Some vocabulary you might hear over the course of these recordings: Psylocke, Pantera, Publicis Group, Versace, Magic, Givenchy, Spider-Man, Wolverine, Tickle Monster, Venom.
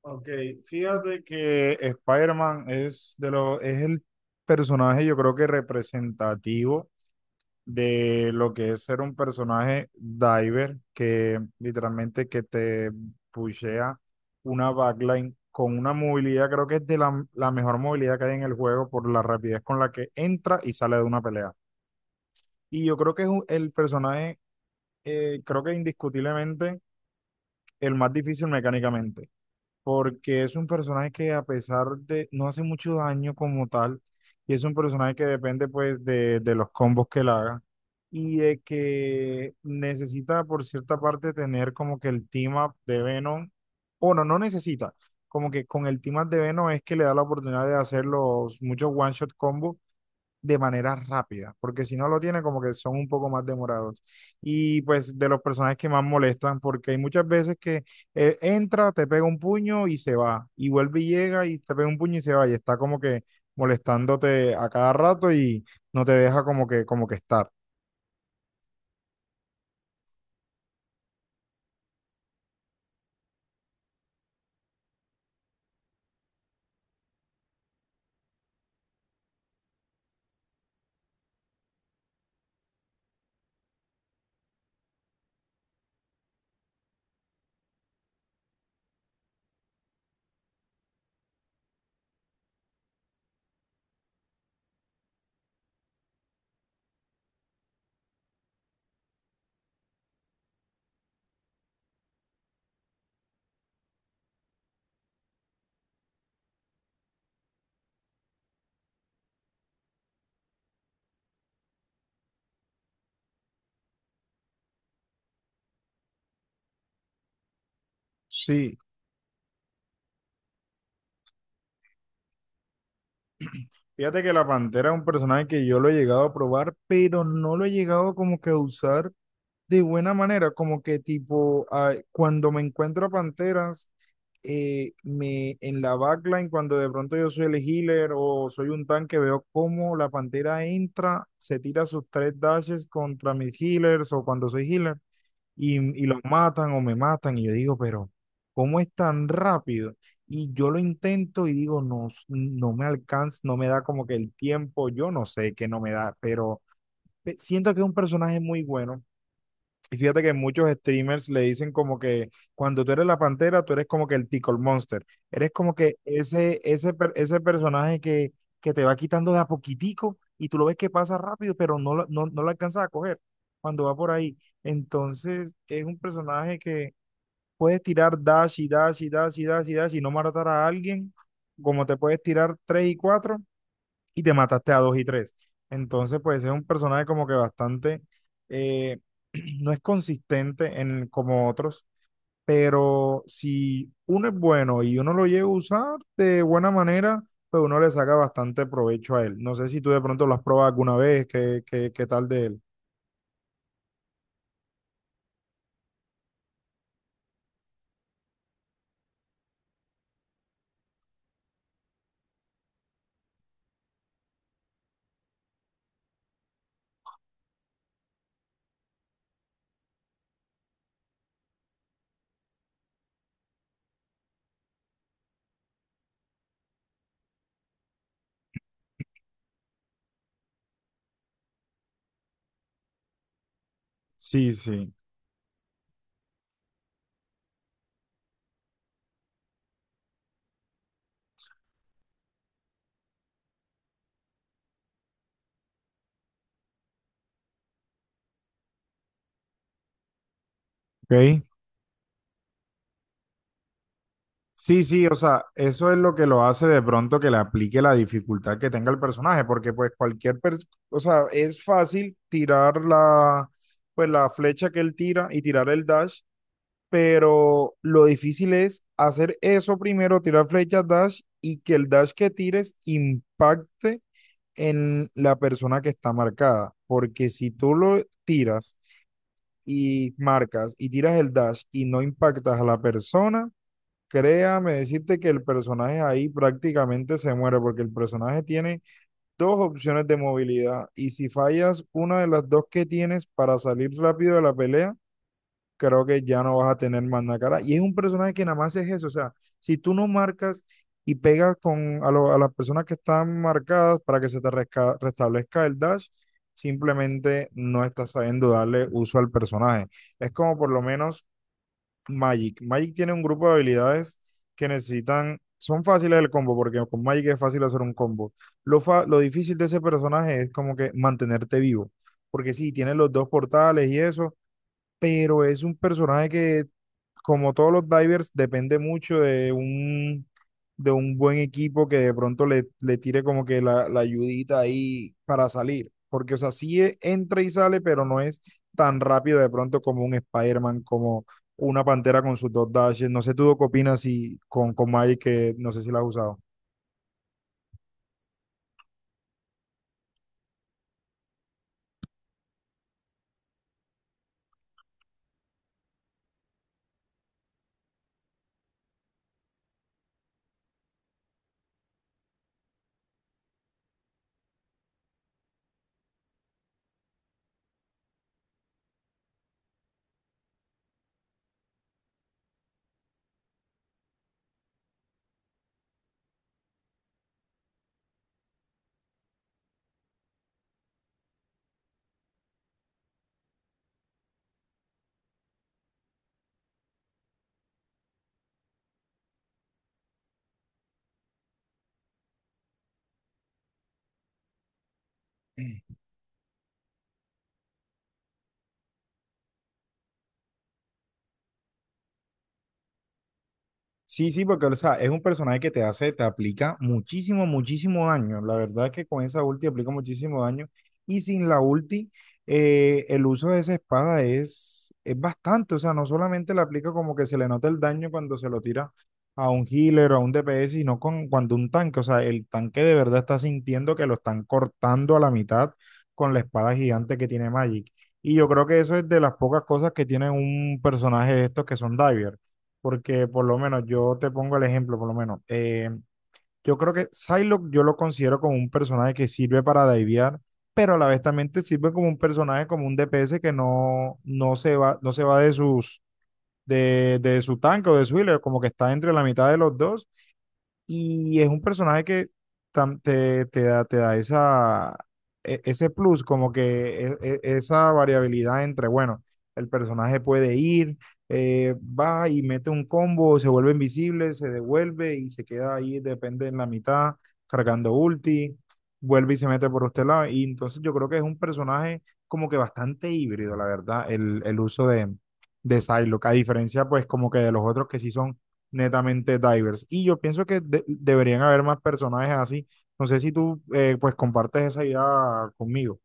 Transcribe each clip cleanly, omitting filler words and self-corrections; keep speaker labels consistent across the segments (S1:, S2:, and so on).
S1: Ok, fíjate que Spider-Man es es el personaje, yo creo que representativo de lo que es ser un personaje diver, que literalmente que te pushea una backline con una movilidad, creo que es de la mejor movilidad que hay en el juego por la rapidez con la que entra y sale de una pelea. Y yo creo que es el personaje, creo que indiscutiblemente el más difícil mecánicamente porque es un personaje que a pesar de no hace mucho daño como tal, y es un personaje que depende pues de los combos que él haga y de que necesita por cierta parte tener como que el team up de Venom, o no necesita, como que con el team up de Venom es que le da la oportunidad de hacer los muchos one shot combos de manera rápida, porque si no lo tiene como que son un poco más demorados. Y pues de los personajes que más molestan, porque hay muchas veces que entra, te pega un puño y se va, y vuelve y llega y te pega un puño y se va, y está como que molestándote a cada rato y no te deja como que estar. Sí, fíjate que la Pantera es un personaje que yo lo he llegado a probar, pero no lo he llegado como que a usar de buena manera, como que tipo, ah, cuando me encuentro a Panteras, me, en la backline, cuando de pronto yo soy el healer o soy un tanque, veo cómo la Pantera entra, se tira sus tres dashes contra mis healers o cuando soy healer y, y los matan o me matan. Y yo digo, pero ¿cómo es tan rápido? Y yo lo intento y digo, no, no me alcanza, no me da como que el tiempo, yo no sé que no me da, pero siento que es un personaje muy bueno y fíjate que muchos streamers le dicen como que cuando tú eres la pantera, tú eres como que el Tickle Monster. Eres como que ese personaje que te va quitando de a poquitico y tú lo ves que pasa rápido, pero no, no lo alcanzas a coger cuando va por ahí. Entonces es un personaje que puedes tirar dash y dash y dash y dash y dash y no matar a alguien, como te puedes tirar tres y cuatro y te mataste a dos y tres. Entonces, pues es un personaje como que bastante, eh, no es consistente en, como otros, pero si uno es bueno y uno lo llega a usar de buena manera, pues uno le saca bastante provecho a él. No sé si tú de pronto lo has probado alguna vez, qué, qué, qué tal de él. Sí, sí. Ok. Sí, sí, o sea, eso es lo que lo hace de pronto que le aplique la dificultad que tenga el personaje, porque pues cualquier, o sea, es fácil tirar pues la flecha que él tira y tirar el dash, pero lo difícil es hacer eso primero, tirar flecha dash y que el dash que tires impacte en la persona que está marcada, porque si tú lo tiras y marcas y tiras el dash y no impactas a la persona, créame decirte que el personaje ahí prácticamente se muere porque el personaje tiene dos opciones de movilidad y si fallas una de las dos que tienes para salir rápido de la pelea, creo que ya no vas a tener más nada cara. Y es un personaje que nada más es eso, o sea, si tú no marcas y pegas con a las personas que están marcadas para que se te restablezca el dash, simplemente no estás sabiendo darle uso al personaje. Es como por lo menos Magic. Magic tiene un grupo de habilidades que necesitan, son fáciles el combo, porque con Magic es fácil hacer un combo. Lo difícil de ese personaje es como que mantenerte vivo, porque sí, tiene los dos portales y eso, pero es un personaje que como todos los divers, depende mucho de un buen equipo que de pronto le tire como que la ayudita ahí para salir. Porque, o sea, sí entra y sale, pero no es tan rápido de pronto como un Spider-Man, como una pantera con sus dos dashes. No sé tú qué opinas si, con Magic, que no sé si la has usado. Sí, sí, porque o sea, es un personaje que te hace, te aplica muchísimo, muchísimo daño. La verdad es que con esa ulti aplica muchísimo daño. Y sin la ulti, el uso de esa espada es bastante. O sea, no solamente le aplica como que se le nota el daño cuando se lo tira a un healer o a un DPS, cuando un tanque, o sea, el tanque de verdad está sintiendo que lo están cortando a la mitad con la espada gigante que tiene Magic. Y yo creo que eso es de las pocas cosas que tiene un personaje de estos que son diver porque por lo menos yo te pongo el ejemplo, por lo menos. Yo creo que Psylocke yo lo considero como un personaje que sirve para divear, pero a la vez también te sirve como un personaje, como un DPS que no, no se va, no se va de sus, de su tanque o de su healer, como que está entre la mitad de los dos y es un personaje que te da esa, ese plus, como que esa variabilidad entre, bueno, el personaje puede ir, va y mete un combo, se vuelve invisible, se devuelve y se queda ahí, depende en la mitad, cargando ulti, vuelve y se mete por este lado. Y entonces yo creo que es un personaje como que bastante híbrido, la verdad, el uso de Psylocke, a diferencia pues como que de los otros que sí son netamente divers. Y yo pienso que deberían haber más personajes así. No sé si tú pues compartes esa idea conmigo.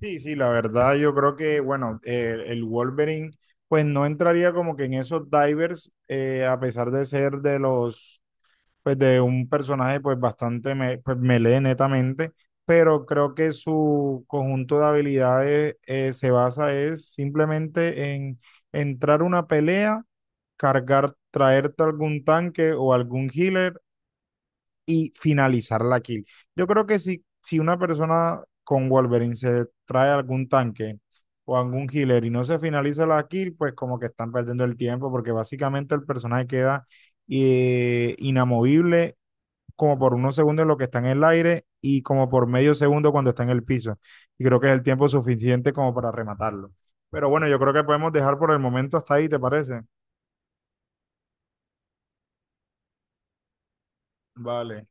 S1: Sí, sí, la verdad yo creo que, bueno, el Wolverine pues no entraría como que en esos divers, a pesar de ser de los pues de un personaje pues bastante pues, melee netamente, pero creo que su conjunto de habilidades se basa es simplemente en entrar a una pelea, cargar, traerte algún tanque o algún healer y finalizar la kill. Yo creo que si, si una persona con Wolverine se trae algún tanque o algún healer y no se finaliza la kill, pues como que están perdiendo el tiempo porque básicamente el personaje queda inamovible como por unos segundos en lo que está en el aire y como por medio segundo cuando está en el piso. Y creo que es el tiempo suficiente como para rematarlo. Pero bueno, yo creo que podemos dejar por el momento hasta ahí, ¿te parece? Vale.